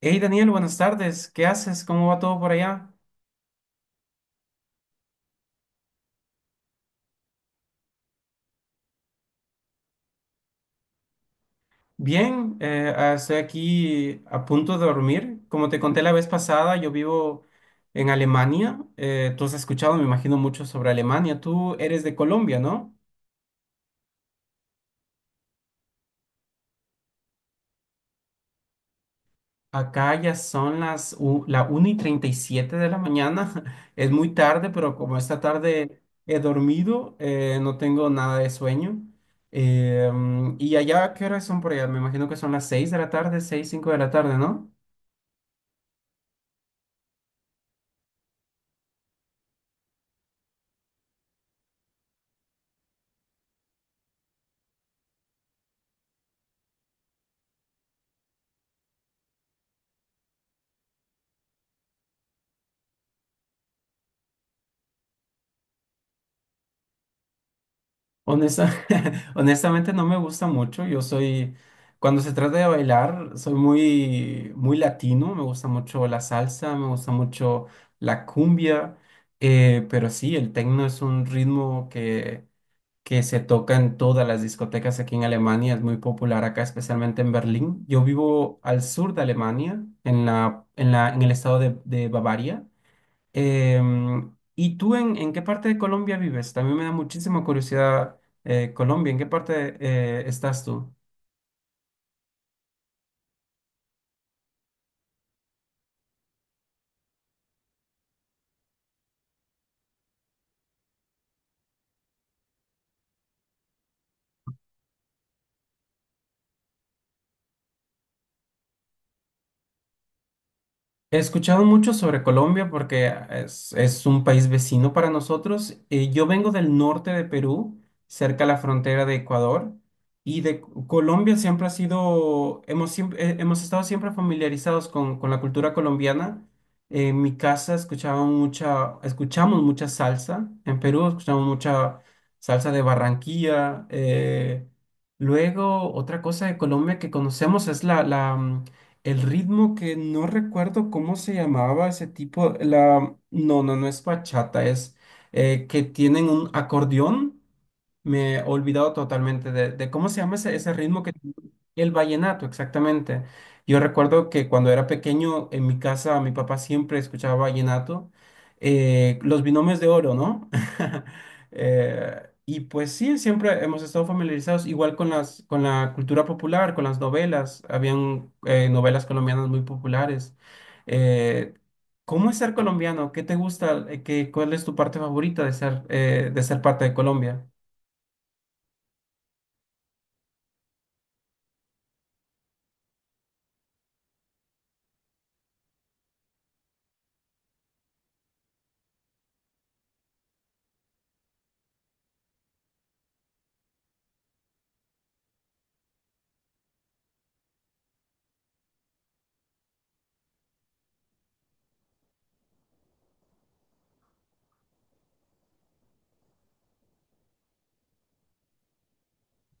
Hey Daniel, buenas tardes. ¿Qué haces? ¿Cómo va todo por allá? Bien, estoy aquí a punto de dormir. Como te conté la vez pasada, yo vivo en Alemania. Tú has escuchado, me imagino, mucho sobre Alemania. Tú eres de Colombia, ¿no? Acá ya son la 1:37 de la mañana. Es muy tarde, pero como esta tarde he dormido, no tengo nada de sueño. ¿Y allá qué horas son por allá? Me imagino que son las seis de la tarde, 6:05 de la tarde, ¿no? Honesta- honestamente no me gusta mucho. Yo soy, cuando se trata de bailar, soy muy, muy latino. Me gusta mucho la salsa, me gusta mucho la cumbia. Pero sí, el tecno es un ritmo que se toca en todas las discotecas aquí en Alemania. Es muy popular acá, especialmente en Berlín. Yo vivo al sur de Alemania, en el estado de Bavaria. ¿Y tú en qué parte de Colombia vives? También me da muchísima curiosidad, Colombia, ¿en qué parte estás tú? He escuchado mucho sobre Colombia porque es un país vecino para nosotros. Yo vengo del norte de Perú, cerca a la frontera de Ecuador, y de Colombia siempre ha sido, hemos estado siempre familiarizados con la cultura colombiana. En mi casa escuchamos mucha salsa. En Perú escuchamos mucha salsa de Barranquilla. Luego, otra cosa de Colombia que conocemos es el ritmo que no recuerdo cómo se llamaba ese tipo, no, no, no es bachata, es que tienen un acordeón. Me he olvidado totalmente de cómo se llama ese ritmo que el vallenato, exactamente. Yo recuerdo que cuando era pequeño en mi casa mi papá siempre escuchaba vallenato, los binomios de oro, ¿no? Y pues sí, siempre hemos estado familiarizados igual con las, con la cultura popular, con las novelas. Habían novelas colombianas muy populares. Eh, ¿Cómo es ser colombiano? ¿Qué te gusta? ¿ Cuál es tu parte favorita de ser parte de Colombia?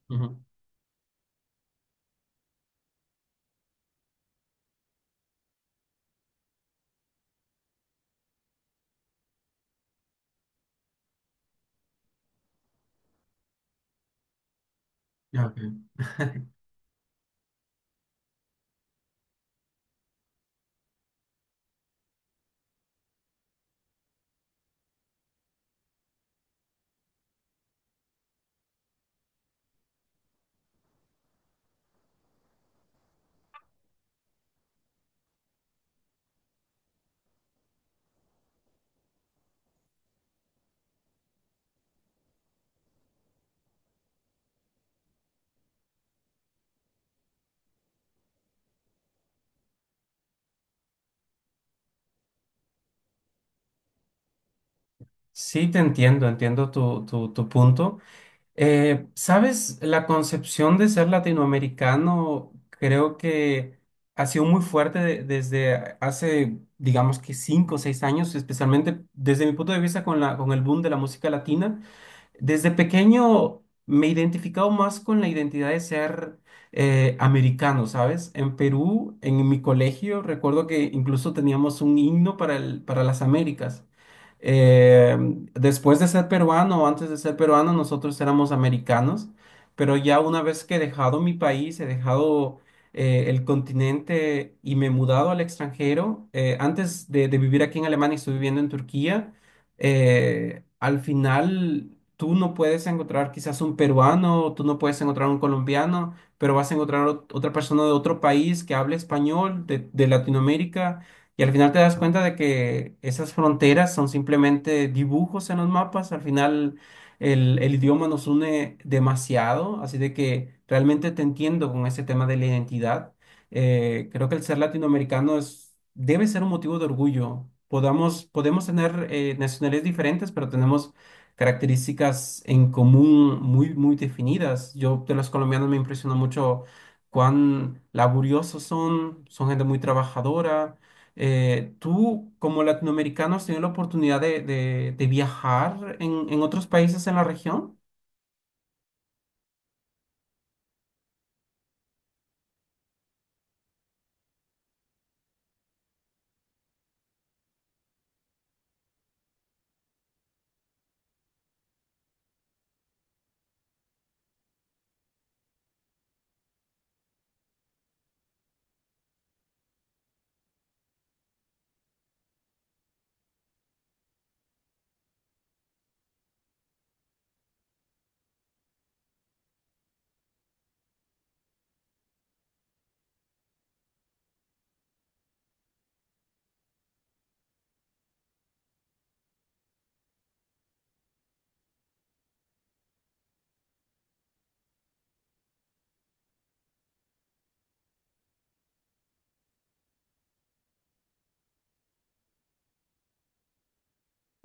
Ujú. Ya, ok. Sí, te entiendo, entiendo tu punto. ¿Sabes? La concepción de ser latinoamericano creo que ha sido muy fuerte desde hace, digamos que 5 o 6 años, especialmente desde mi punto de vista con la, con el boom de la música latina. Desde pequeño me he identificado más con la identidad de ser americano, ¿sabes? En Perú, en mi colegio, recuerdo que incluso teníamos un himno para para las Américas. Eh, Después de ser peruano o antes de ser peruano, nosotros éramos americanos, pero ya una vez que he dejado mi país, he dejado el continente y me he mudado al extranjero. Antes de vivir aquí en Alemania, estuve viviendo en Turquía. Al final tú no puedes encontrar quizás un peruano, tú no puedes encontrar un colombiano, pero vas a encontrar otra persona de otro país que hable español, de Latinoamérica, y al final te das cuenta de que esas fronteras son simplemente dibujos en los mapas. Al final el idioma nos une demasiado, así de que realmente te entiendo con ese tema de la identidad. Creo que el ser latinoamericano debe ser un motivo de orgullo. Podemos tener nacionalidades diferentes, pero tenemos características en común muy, muy definidas. Yo de los colombianos me impresiona mucho cuán laboriosos son, son gente muy trabajadora. Tú, como latinoamericano, ¿has tenido la oportunidad de viajar en otros países en la región?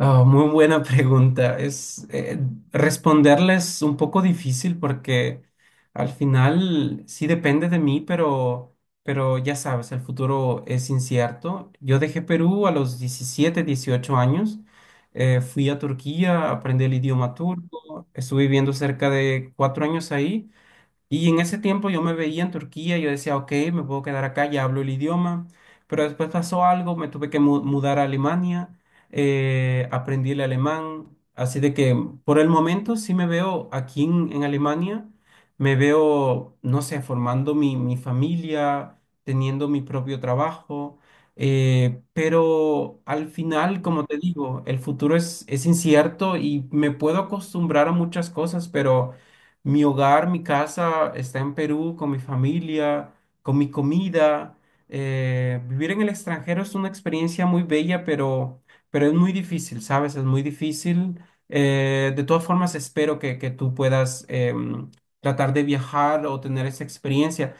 Oh, muy buena pregunta. Es responderla un poco difícil porque al final sí depende de mí, pero ya sabes, el futuro es incierto. Yo dejé Perú a los 17, 18 años. Fui a Turquía, aprendí el idioma turco, estuve viviendo cerca de 4 años ahí, y en ese tiempo yo me veía en Turquía, yo decía, ok, me puedo quedar acá, ya hablo el idioma, pero después pasó algo, me tuve que mudar a Alemania. Aprendí el alemán, así de que por el momento sí me veo aquí en Alemania. Me veo, no sé, formando mi familia, teniendo mi propio trabajo. Pero al final, como te digo, el futuro es incierto y me puedo acostumbrar a muchas cosas, pero... Mi hogar, mi casa está en Perú con mi familia, con mi comida. Vivir en el extranjero es una experiencia muy bella, pero es muy difícil, ¿sabes? Es muy difícil. De todas formas, espero que tú puedas tratar de viajar o tener esa experiencia.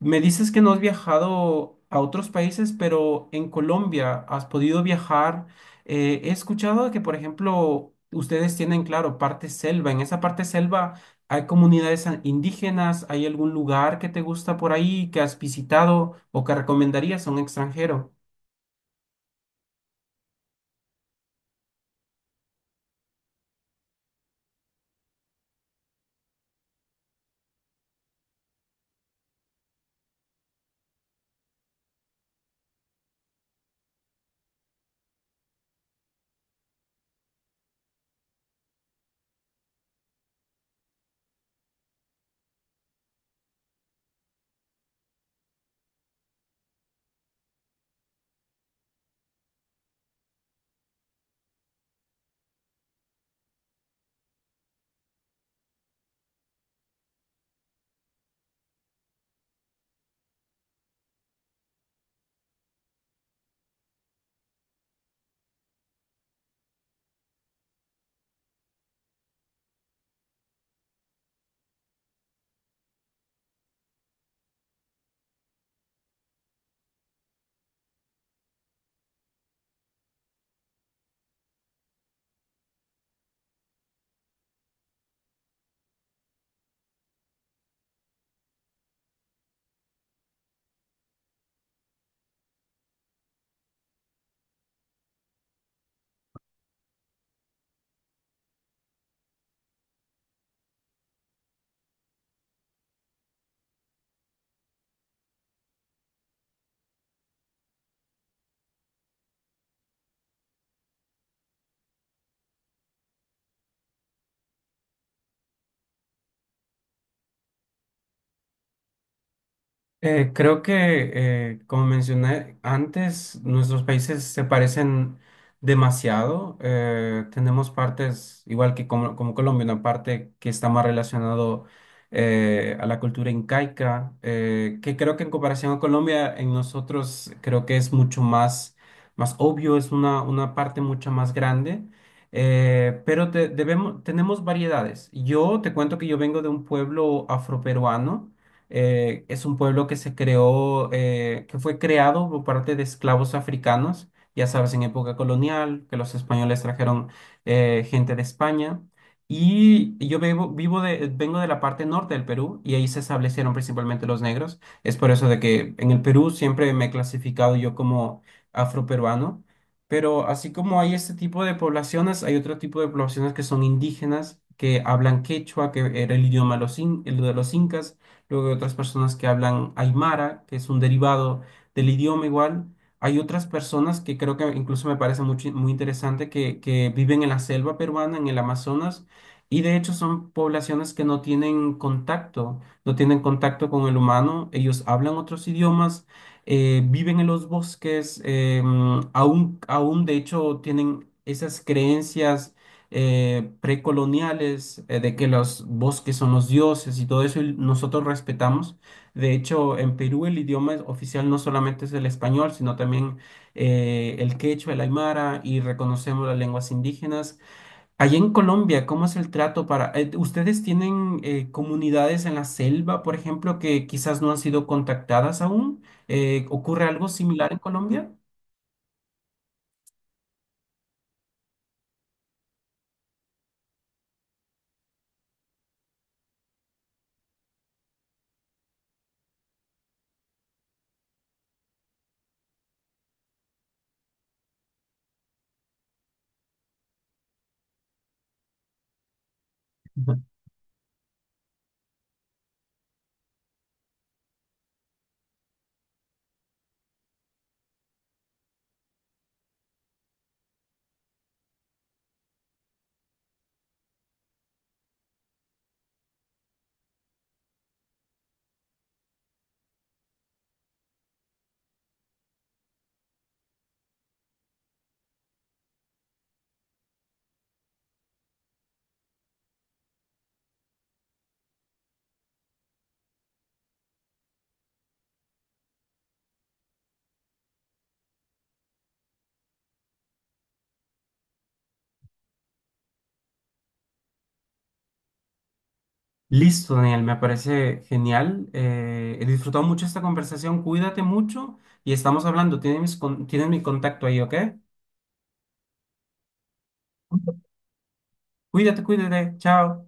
Me dices que no has viajado a otros países, pero en Colombia has podido viajar. He escuchado que, por ejemplo, ustedes tienen, claro, parte selva. En esa parte selva, ¿hay comunidades indígenas? ¿Hay algún lugar que te gusta por ahí que has visitado o que recomendarías a un extranjero? Creo que, como mencioné antes, nuestros países se parecen demasiado. Tenemos partes, igual que como Colombia, una parte que está más relacionado a la cultura incaica, que creo que en comparación a Colombia, en nosotros creo que es mucho más, más obvio, es una parte mucho más grande. Pero tenemos variedades. Yo te cuento que yo vengo de un pueblo afroperuano. Es un pueblo que que fue creado por parte de esclavos africanos, ya sabes, en época colonial, que los españoles trajeron gente de España. Y yo vengo de la parte norte del Perú y ahí se establecieron principalmente los negros. Es por eso de que en el Perú siempre me he clasificado yo como afroperuano. Pero así como hay este tipo de poblaciones, hay otro tipo de poblaciones que son indígenas, que hablan quechua, que era el idioma el de los incas. Luego hay otras personas que hablan aymara, que es un derivado del idioma igual. Hay otras personas que creo que incluso me parece muy interesante que viven en la selva peruana, en el Amazonas, y de hecho son poblaciones que no tienen contacto, no tienen contacto con el humano. Ellos hablan otros idiomas. Viven en los bosques, aún de hecho tienen esas creencias precoloniales, de que los bosques son los dioses y todo eso, y nosotros respetamos. De hecho, en Perú el idioma oficial no solamente es el español, sino también el quechua, el aymara, y reconocemos las lenguas indígenas. Allá en Colombia, ¿cómo es el trato ¿ustedes tienen comunidades en la selva, por ejemplo, que quizás no han sido contactadas aún? ¿Ocurre algo similar en Colombia? Listo, Daniel, me parece genial. He disfrutado mucho esta conversación. Cuídate mucho y estamos hablando. Tienes mi contacto ahí, ¿ok? Cuídate, cuídate. Chao.